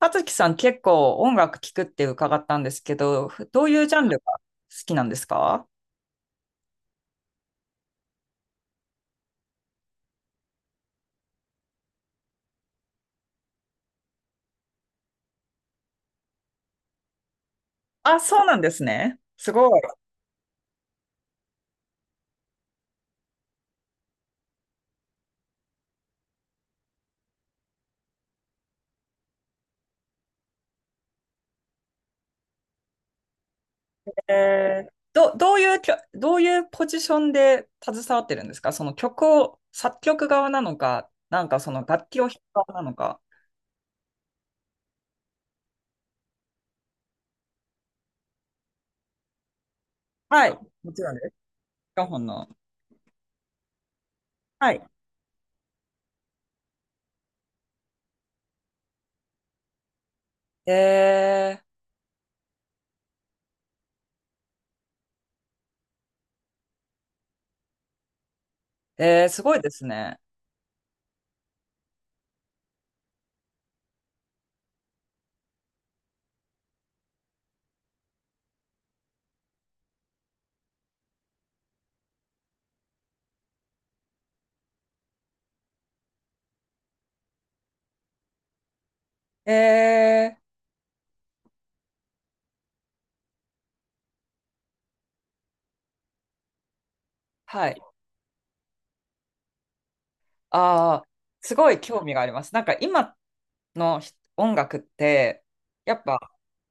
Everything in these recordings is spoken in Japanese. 葉月さん結構音楽聴くって伺ったんですけど、どういうジャンルが好きなんですか？あ、そうなんですね。すごい。どういうポジションで携わってるんですかその曲を、作曲側なのか、その楽器を弾く側なのか。はい。もちろんです。4本の。はい。えー、えー、すごいですね。えー、はい。ああ、すごい興味があります。なんか今の音楽って、やっぱ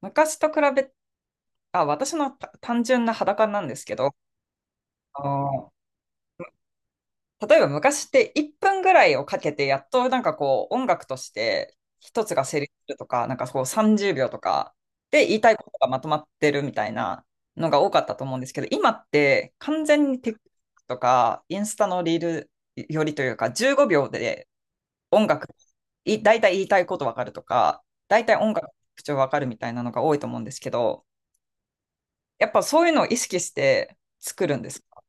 昔と比べ、あ、私のた単純な裸なんですけど、あの例えば昔って1分ぐらいをかけて、やっとなんかこう音楽として一つが成立するとか、なんかこう30秒とかで言いたいことがまとまってるみたいなのが多かったと思うんですけど、今って完全に TikTok とかインスタのリールよりというか、15秒で音楽、い、大体言いたいことわかるとか、大体音楽の特徴わかるみたいなのが多いと思うんですけど、やっぱそういうのを意識して作るんですか？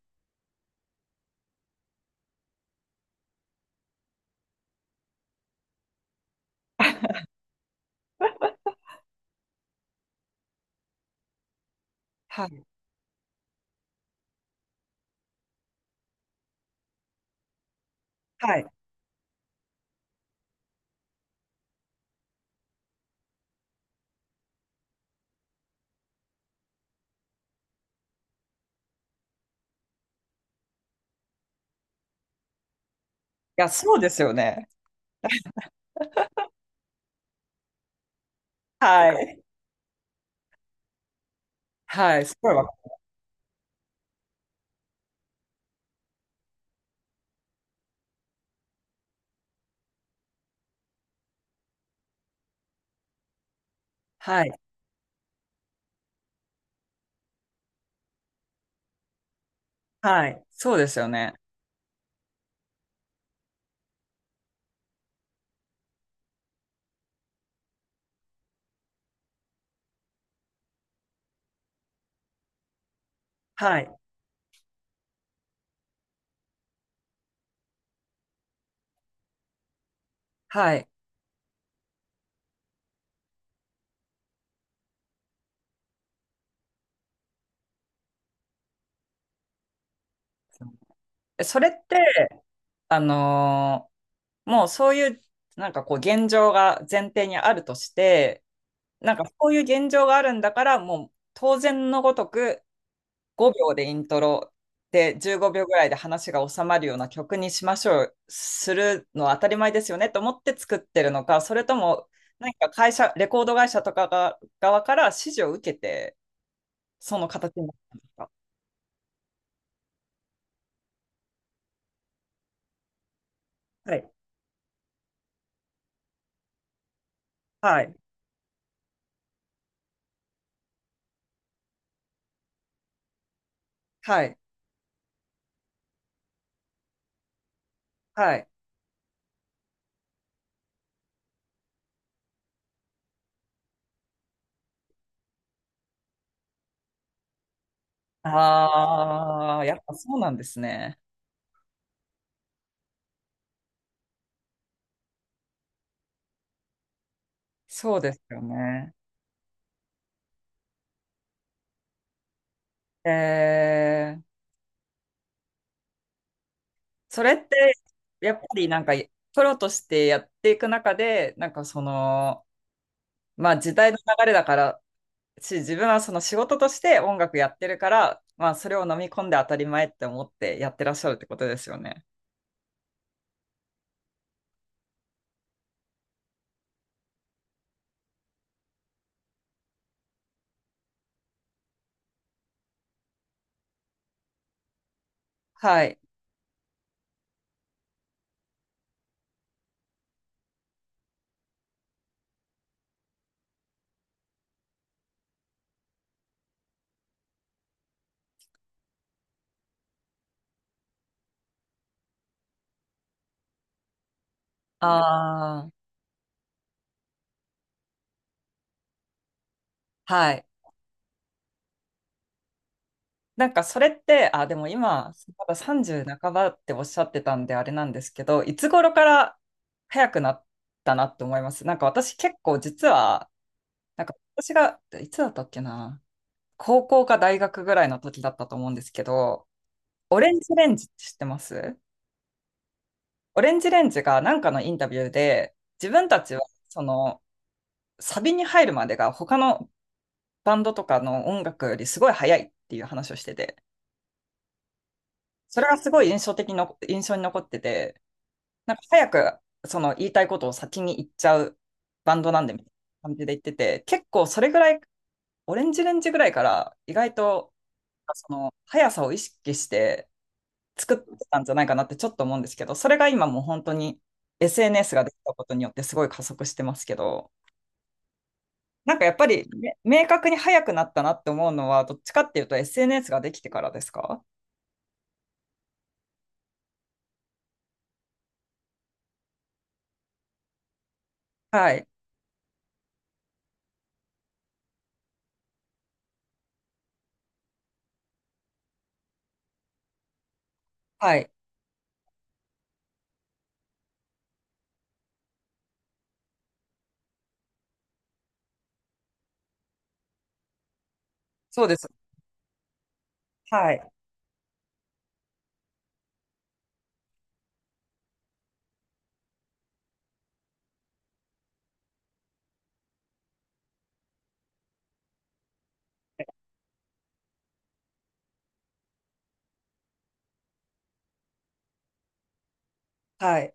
はい。はい。いや、そうですよね。はい。はい。すごいわかる。はい。はい。そうですよね。はい。はい。えそれって、あのーもうそういう、なんかこう、現状が前提にあるとして、なんかこういう現状があるんだから、もう当然のごとく、5秒でイントロで15秒ぐらいで話が収まるような曲にしましょう、するのは当たり前ですよねと思って作ってるのか、それとも何か会社、レコード会社とかが側から指示を受けて、その形になったんですか？はい、はい、はい、はい。ああ、やっぱそうなんですね。そうですよね。えー、それってやっぱりプロとしてやっていく中で、まあ時代の流れだからし、自分はその仕事として音楽やってるから、まあ、それを飲み込んで当たり前って思ってやってらっしゃるってことですよね。はい。ああ、はい。なんかそれって、あ、でも今、まだ30半ばっておっしゃってたんであれなんですけど、いつ頃から早くなったなって思います？なんか私結構実は、なんか私が、いつだったっけな、高校か大学ぐらいの時だったと思うんですけど、オレンジレンジって知ってます？オレンジレンジがなんかのインタビューで、自分たちはそのサビに入るまでが他のバンドとかの音楽よりすごい早いっていう話をしてて、それがすごい印象的の、印象に残ってて、なんか早くその言いたいことを先に言っちゃうバンドなんでみたいな感じで言ってて、結構それぐらい、オレンジレンジぐらいから意外とその速さを意識して作ってたんじゃないかなってちょっと思うんですけど、それが今もう本当に SNS ができたことによってすごい加速してますけど、なんかやっぱり、明確に早くなったなって思うのは、どっちかっていうと SNS ができてからですか？はい。はい。そうです。はい。はい。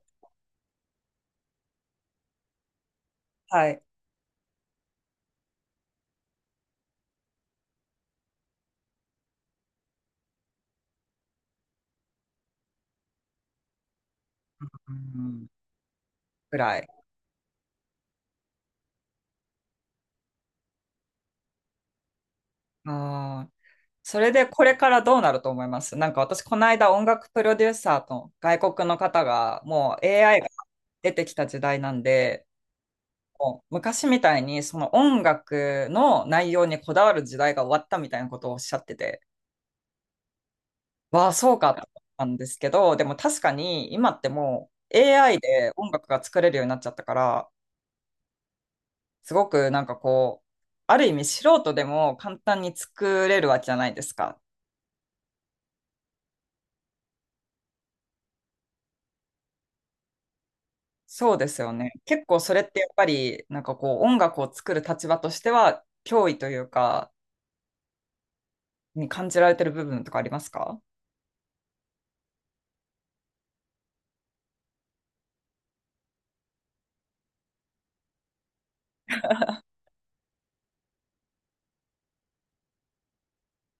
はい。うん。ぐらい。ああ。それでこれからどうなると思います？なんか私、この間音楽プロデューサーと外国の方が、もう AI が出てきた時代なんで、もう昔みたいにその音楽の内容にこだわる時代が終わったみたいなことをおっしゃってて。わあ、そうかと思ったんですけど、でも確かに今ってもう AI で音楽が作れるようになっちゃったから、すごくなんかこう、ある意味素人でも簡単に作れるわけじゃないですか。そうですよね。結構それってやっぱり音楽を作る立場としては脅威というか、に感じられてる部分とかありますか？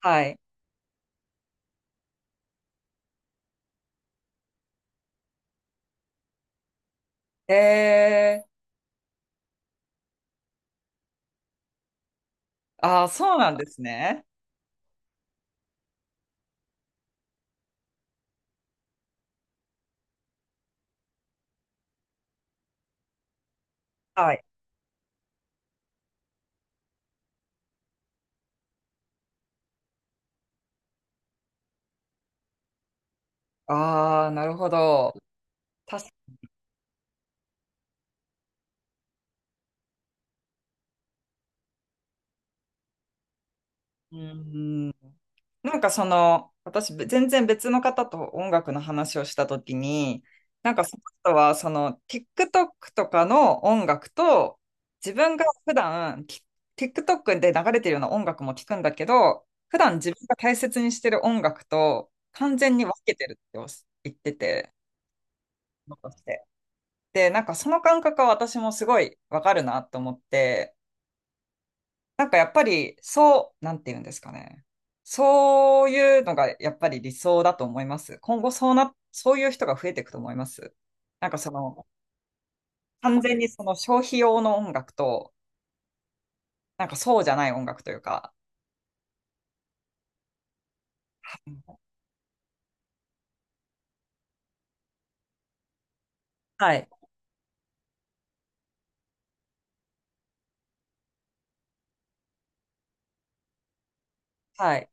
はい。えー、ああ、そうなんですね。はい。ああ、なるほど。確かに。うん。私、全然別の方と音楽の話をしたときに、なんかその人は、その、TikTok とかの音楽と、自分が普段、き TikTok で流れてるような音楽も聞くんだけど、普段自分が大切にしてる音楽と、完全に分けてるっておっ言ってて、残してで、なんかその感覚は私もすごいわかるなと思って、なんかやっぱり、そう、なんて言うんですかね。そういうのがやっぱり理想だと思います。今後そうな、そういう人が増えていくと思います。なんかその、完全にその消費用の音楽と、なんかそうじゃない音楽というか。はい。はい。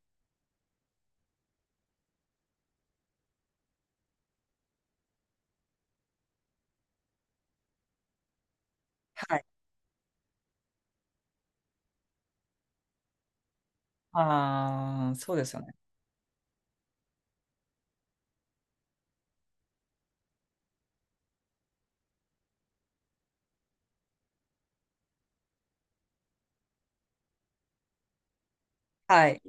はい。ああ、そうですよね。はい。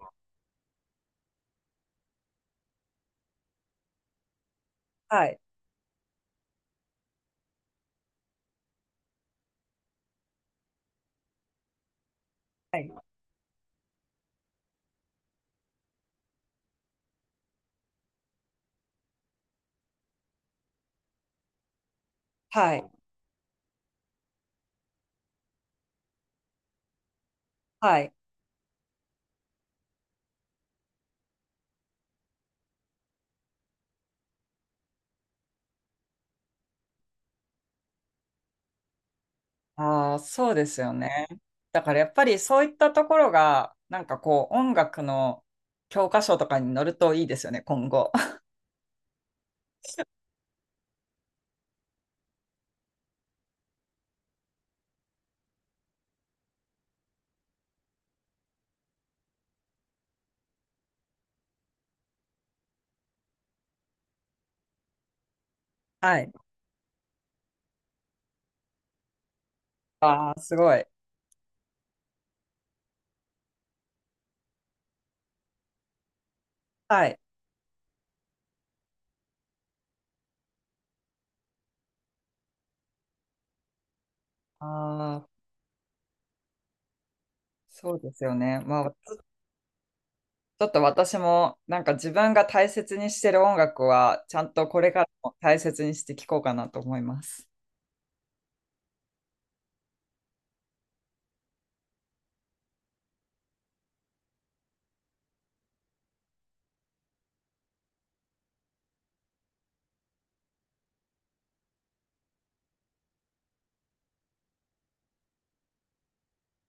はい。はい。はい。はい。ああ、そうですよね。だからやっぱりそういったところが、なんかこう、音楽の教科書とかに載るといいですよね、今後。はい。ああ、すごい。はい。ああ、そうですよね。まあ、ちょっと私も、なんか自分が大切にしてる音楽は、ちゃんとこれからも大切にして聴こうかなと思います。